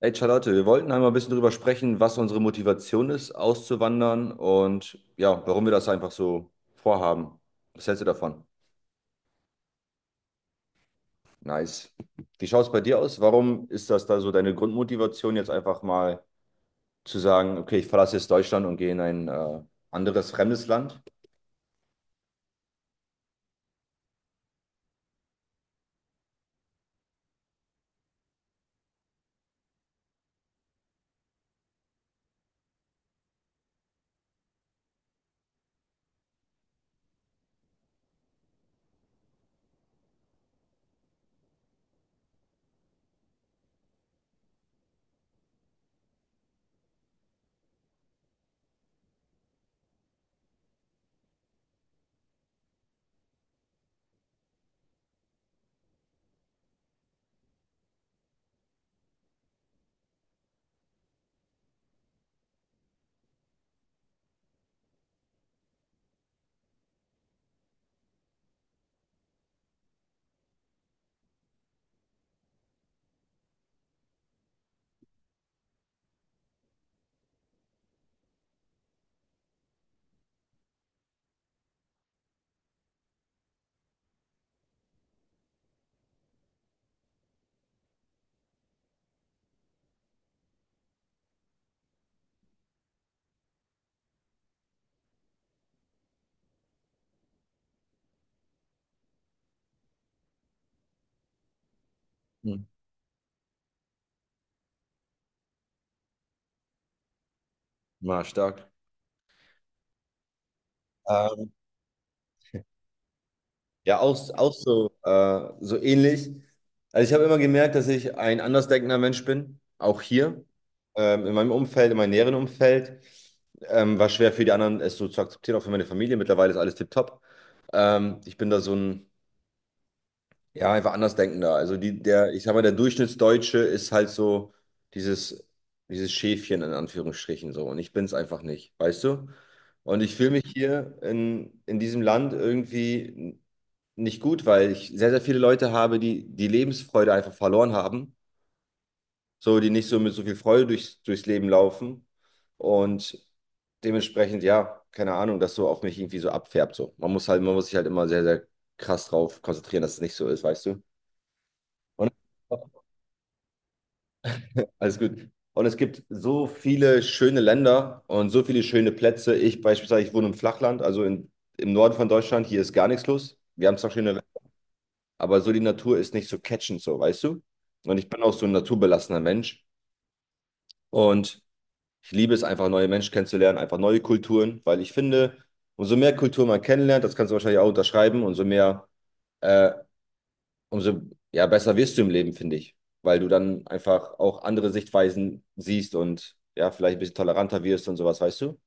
Hey Charlotte, wir wollten einmal ein bisschen drüber sprechen, was unsere Motivation ist, auszuwandern und ja, warum wir das einfach so vorhaben. Was hältst du davon? Nice. Wie schaut es bei dir aus? Warum ist das da so deine Grundmotivation, jetzt einfach mal zu sagen, okay, ich verlasse jetzt Deutschland und gehe in ein anderes fremdes Land? Hm. War stark. Ja, auch, auch so, so ähnlich. Also ich habe immer gemerkt, dass ich ein andersdenkender Mensch bin, auch hier, in meinem Umfeld, in meinem näheren Umfeld. War schwer für die anderen, es so zu akzeptieren, auch für meine Familie. Mittlerweile ist alles tipptopp. Ich bin da so ein, ja, einfach andersdenkender. Also die, der, ich sag mal, der Durchschnittsdeutsche ist halt so dieses, dieses Schäfchen in Anführungsstrichen so. Und ich bin es einfach nicht, weißt du? Und ich fühle mich hier in diesem Land irgendwie nicht gut, weil ich sehr, sehr viele Leute habe, die die Lebensfreude einfach verloren haben, so die nicht so mit so viel Freude durchs Leben laufen und dementsprechend, ja, keine Ahnung, das so auf mich irgendwie so abfärbt. So. Man muss sich halt immer sehr, sehr krass drauf konzentrieren, dass es nicht so ist, weißt du? Und alles gut. Und es gibt so viele schöne Länder und so viele schöne Plätze. Ich beispielsweise, ich wohne im Flachland, im Norden von Deutschland. Hier ist gar nichts los. Wir haben zwar schöne aber so die Natur ist nicht so catchend, so, weißt du? Und ich bin auch so ein naturbelassener Mensch und ich liebe es einfach, neue Menschen kennenzulernen, einfach neue Kulturen, weil ich finde, umso mehr Kultur man kennenlernt, das kannst du wahrscheinlich auch unterschreiben, umso mehr, äh, umso ja, besser wirst du im Leben, finde ich, weil du dann einfach auch andere Sichtweisen siehst und ja, vielleicht ein bisschen toleranter wirst und sowas, weißt du?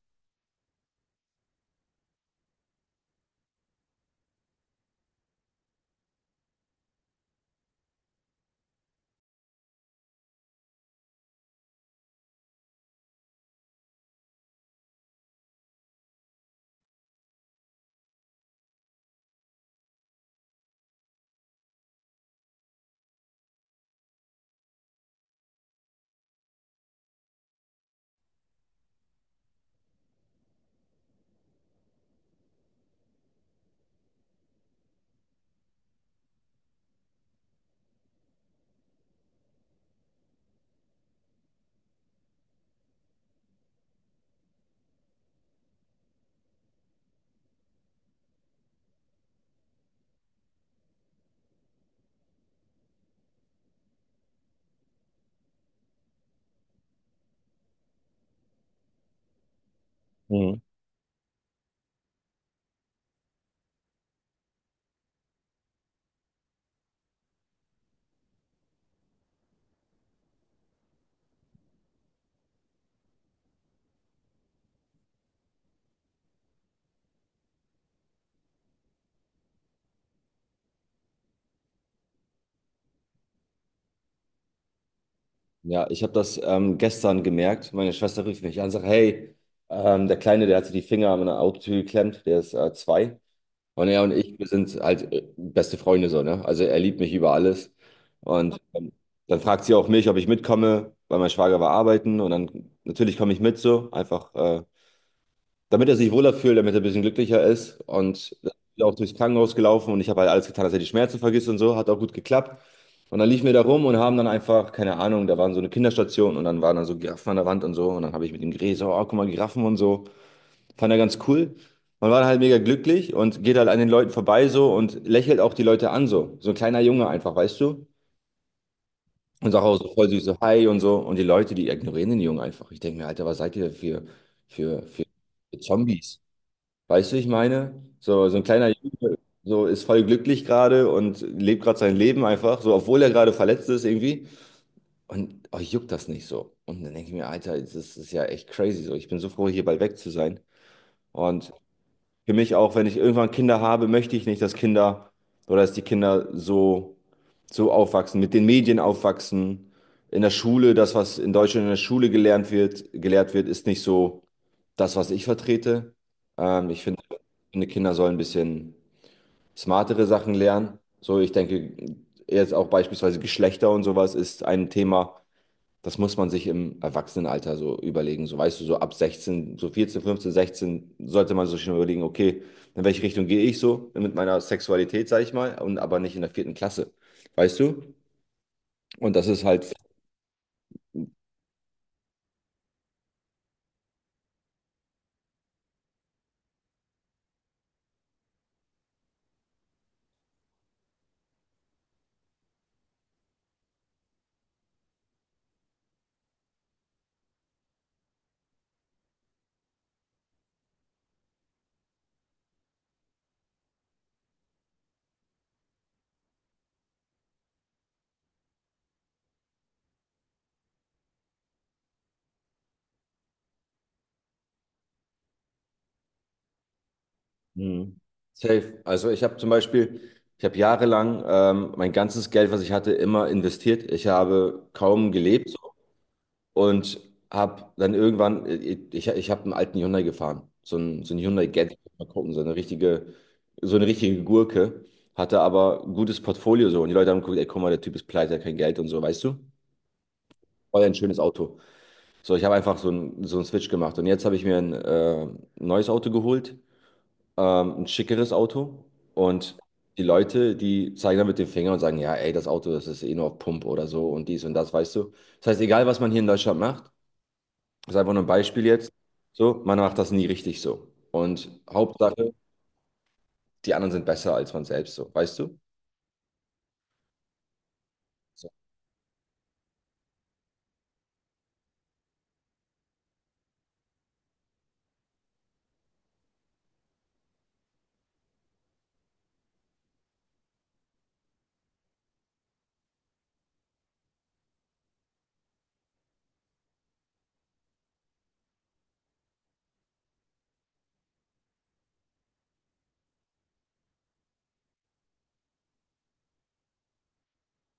Mhm. Ja, ich habe das gestern gemerkt. Meine Schwester rief mich an und sagt, hey, der Kleine, der hat sich die Finger an meiner Autotür geklemmt, der ist 2. Und er und ich, wir sind halt beste Freunde so, ne? Also er liebt mich über alles. Und dann fragt sie auch mich, ob ich mitkomme, weil mein Schwager war arbeiten. Und dann natürlich komme ich mit so, einfach, damit er sich wohler fühlt, damit er ein bisschen glücklicher ist. Und dann bin ich auch durchs Krankenhaus gelaufen und ich habe halt alles getan, dass er die Schmerzen vergisst und so. Hat auch gut geklappt. Und dann liefen wir da rum und haben dann einfach, keine Ahnung, da waren so eine Kinderstation und dann waren da so Giraffen an der Wand und so. Und dann habe ich mit ihm geredet, so, oh, guck mal, Giraffen und so. Fand er ganz cool. Man war halt mega glücklich und geht halt an den Leuten vorbei so und lächelt auch die Leute an so. So ein kleiner Junge einfach, weißt du? Und sagt auch so voll süß so Hi und so. Und die Leute, die ignorieren den Jungen einfach. Ich denke mir, Alter, was seid ihr für, für, für Zombies? Weißt du, wie ich meine? So, so ein kleiner Junge so ist voll glücklich gerade und lebt gerade sein Leben einfach, so obwohl er gerade verletzt ist irgendwie. Und euch juckt das nicht so. Und dann denke ich mir, Alter, das ist ja echt crazy so. Ich bin so froh, hier bald weg zu sein. Und für mich auch, wenn ich irgendwann Kinder habe, möchte ich nicht, dass Kinder oder dass die Kinder so, so aufwachsen, mit den Medien aufwachsen. In der Schule, das, was in Deutschland in der Schule gelernt wird, gelehrt wird, ist nicht so das, was ich vertrete. Ähm, ich finde, finde, Kinder sollen ein bisschen smartere Sachen lernen. So, ich denke, jetzt auch beispielsweise Geschlechter und sowas ist ein Thema, das muss man sich im Erwachsenenalter so überlegen. So weißt du, so ab 16, so 14, 15, 16 sollte man sich schon überlegen, okay, in welche Richtung gehe ich so mit meiner Sexualität, sage ich mal, und aber nicht in der vierten Klasse. Weißt du? Und das ist halt mhm, safe. Also ich habe zum Beispiel, ich habe jahrelang mein ganzes Geld, was ich hatte, immer investiert. Ich habe kaum gelebt. Und habe dann irgendwann, ich habe einen alten Hyundai gefahren, so ein Hyundai Getz, mal gucken, so eine richtige Gurke, hatte aber ein gutes Portfolio so und die Leute haben geguckt, ey, guck mal, der Typ ist pleite, hat kein Geld und so, weißt du? Voll ein schönes Auto. So, ich habe einfach so einen Switch gemacht und jetzt habe ich mir ein neues Auto geholt, ein schickeres Auto und die Leute, die zeigen dann mit dem Finger und sagen, ja, ey, das Auto, das ist eh nur auf Pump oder so und dies und das, weißt du? Das heißt, egal was man hier in Deutschland macht, das ist einfach nur ein Beispiel jetzt. So, man macht das nie richtig so. Und Hauptsache, die anderen sind besser als man selbst so, weißt du? So.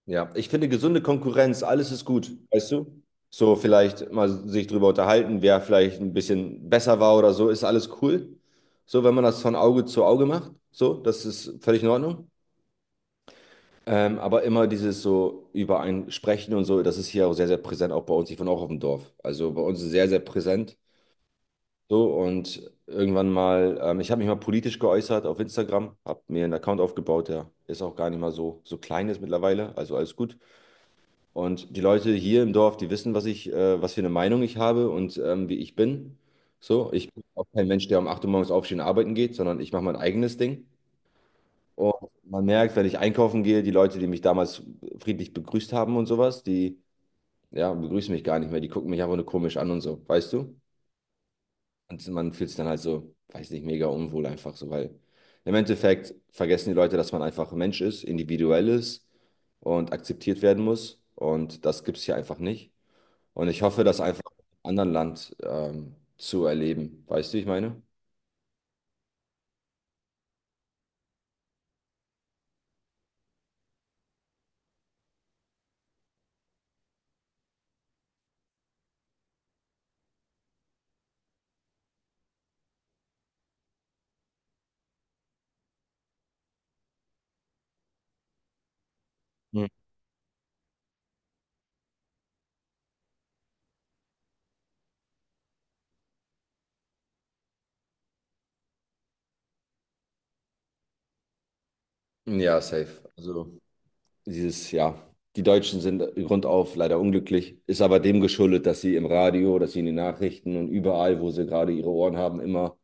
Ja, ich finde gesunde Konkurrenz, alles ist gut, weißt du? So vielleicht mal sich drüber unterhalten, wer vielleicht ein bisschen besser war oder so, ist alles cool. So, wenn man das von Auge zu Auge macht, so, das ist völlig in Ordnung. Aber immer dieses so über ein Sprechen und so, das ist hier auch sehr, sehr präsent, auch bei uns. Ich wohne auch auf dem Dorf. Also bei uns ist sehr, sehr präsent. So, und irgendwann mal, ich habe mich mal politisch geäußert auf Instagram, habe mir einen Account aufgebaut, der ist auch gar nicht mal so klein ist mittlerweile, also alles gut. Und die Leute hier im Dorf, die wissen, was ich, was für eine Meinung ich habe und wie ich bin. So, ich bin auch kein Mensch, der um 8 Uhr morgens aufstehen und arbeiten geht, sondern ich mache mein eigenes Ding. Und man merkt, wenn ich einkaufen gehe, die Leute, die mich damals friedlich begrüßt haben und sowas, die, ja, begrüßen mich gar nicht mehr, die gucken mich einfach nur komisch an und so, weißt du? Und man fühlt sich dann halt so, weiß nicht, mega unwohl einfach so, weil im Endeffekt vergessen die Leute, dass man einfach ein Mensch ist, individuell ist und akzeptiert werden muss. Und das gibt es hier einfach nicht. Und ich hoffe, das einfach in einem anderen Land zu erleben. Weißt du, wie ich meine? Hm. Ja, safe. Also dieses, ja, die Deutschen sind grundauf leider unglücklich, ist aber dem geschuldet, dass sie im Radio, dass sie in den Nachrichten und überall, wo sie gerade ihre Ohren haben, immer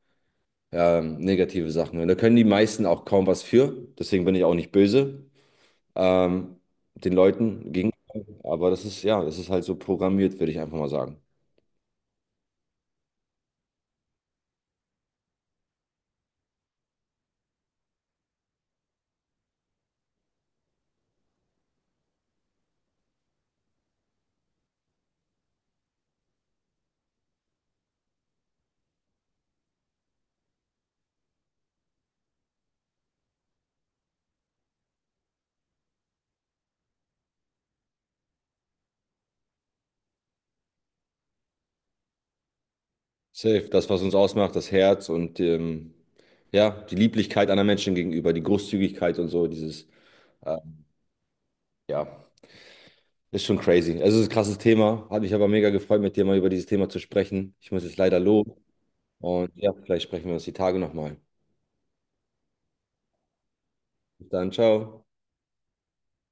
negative Sachen. Und da können die meisten auch kaum was für. Deswegen bin ich auch nicht böse ähm, den Leuten gegen. Aber das ist, ja, das ist halt so programmiert, würde ich einfach mal sagen. Safe, das, was uns ausmacht, das Herz und ja, die Lieblichkeit anderen Menschen gegenüber, die Großzügigkeit und so, äh, ja, ist schon crazy. Also, es ist ein krasses Thema. Hat mich aber mega gefreut, mit dir mal über dieses Thema zu sprechen. Ich muss jetzt leider los und ja, vielleicht sprechen wir uns die Tage nochmal. Bis dann, ciao.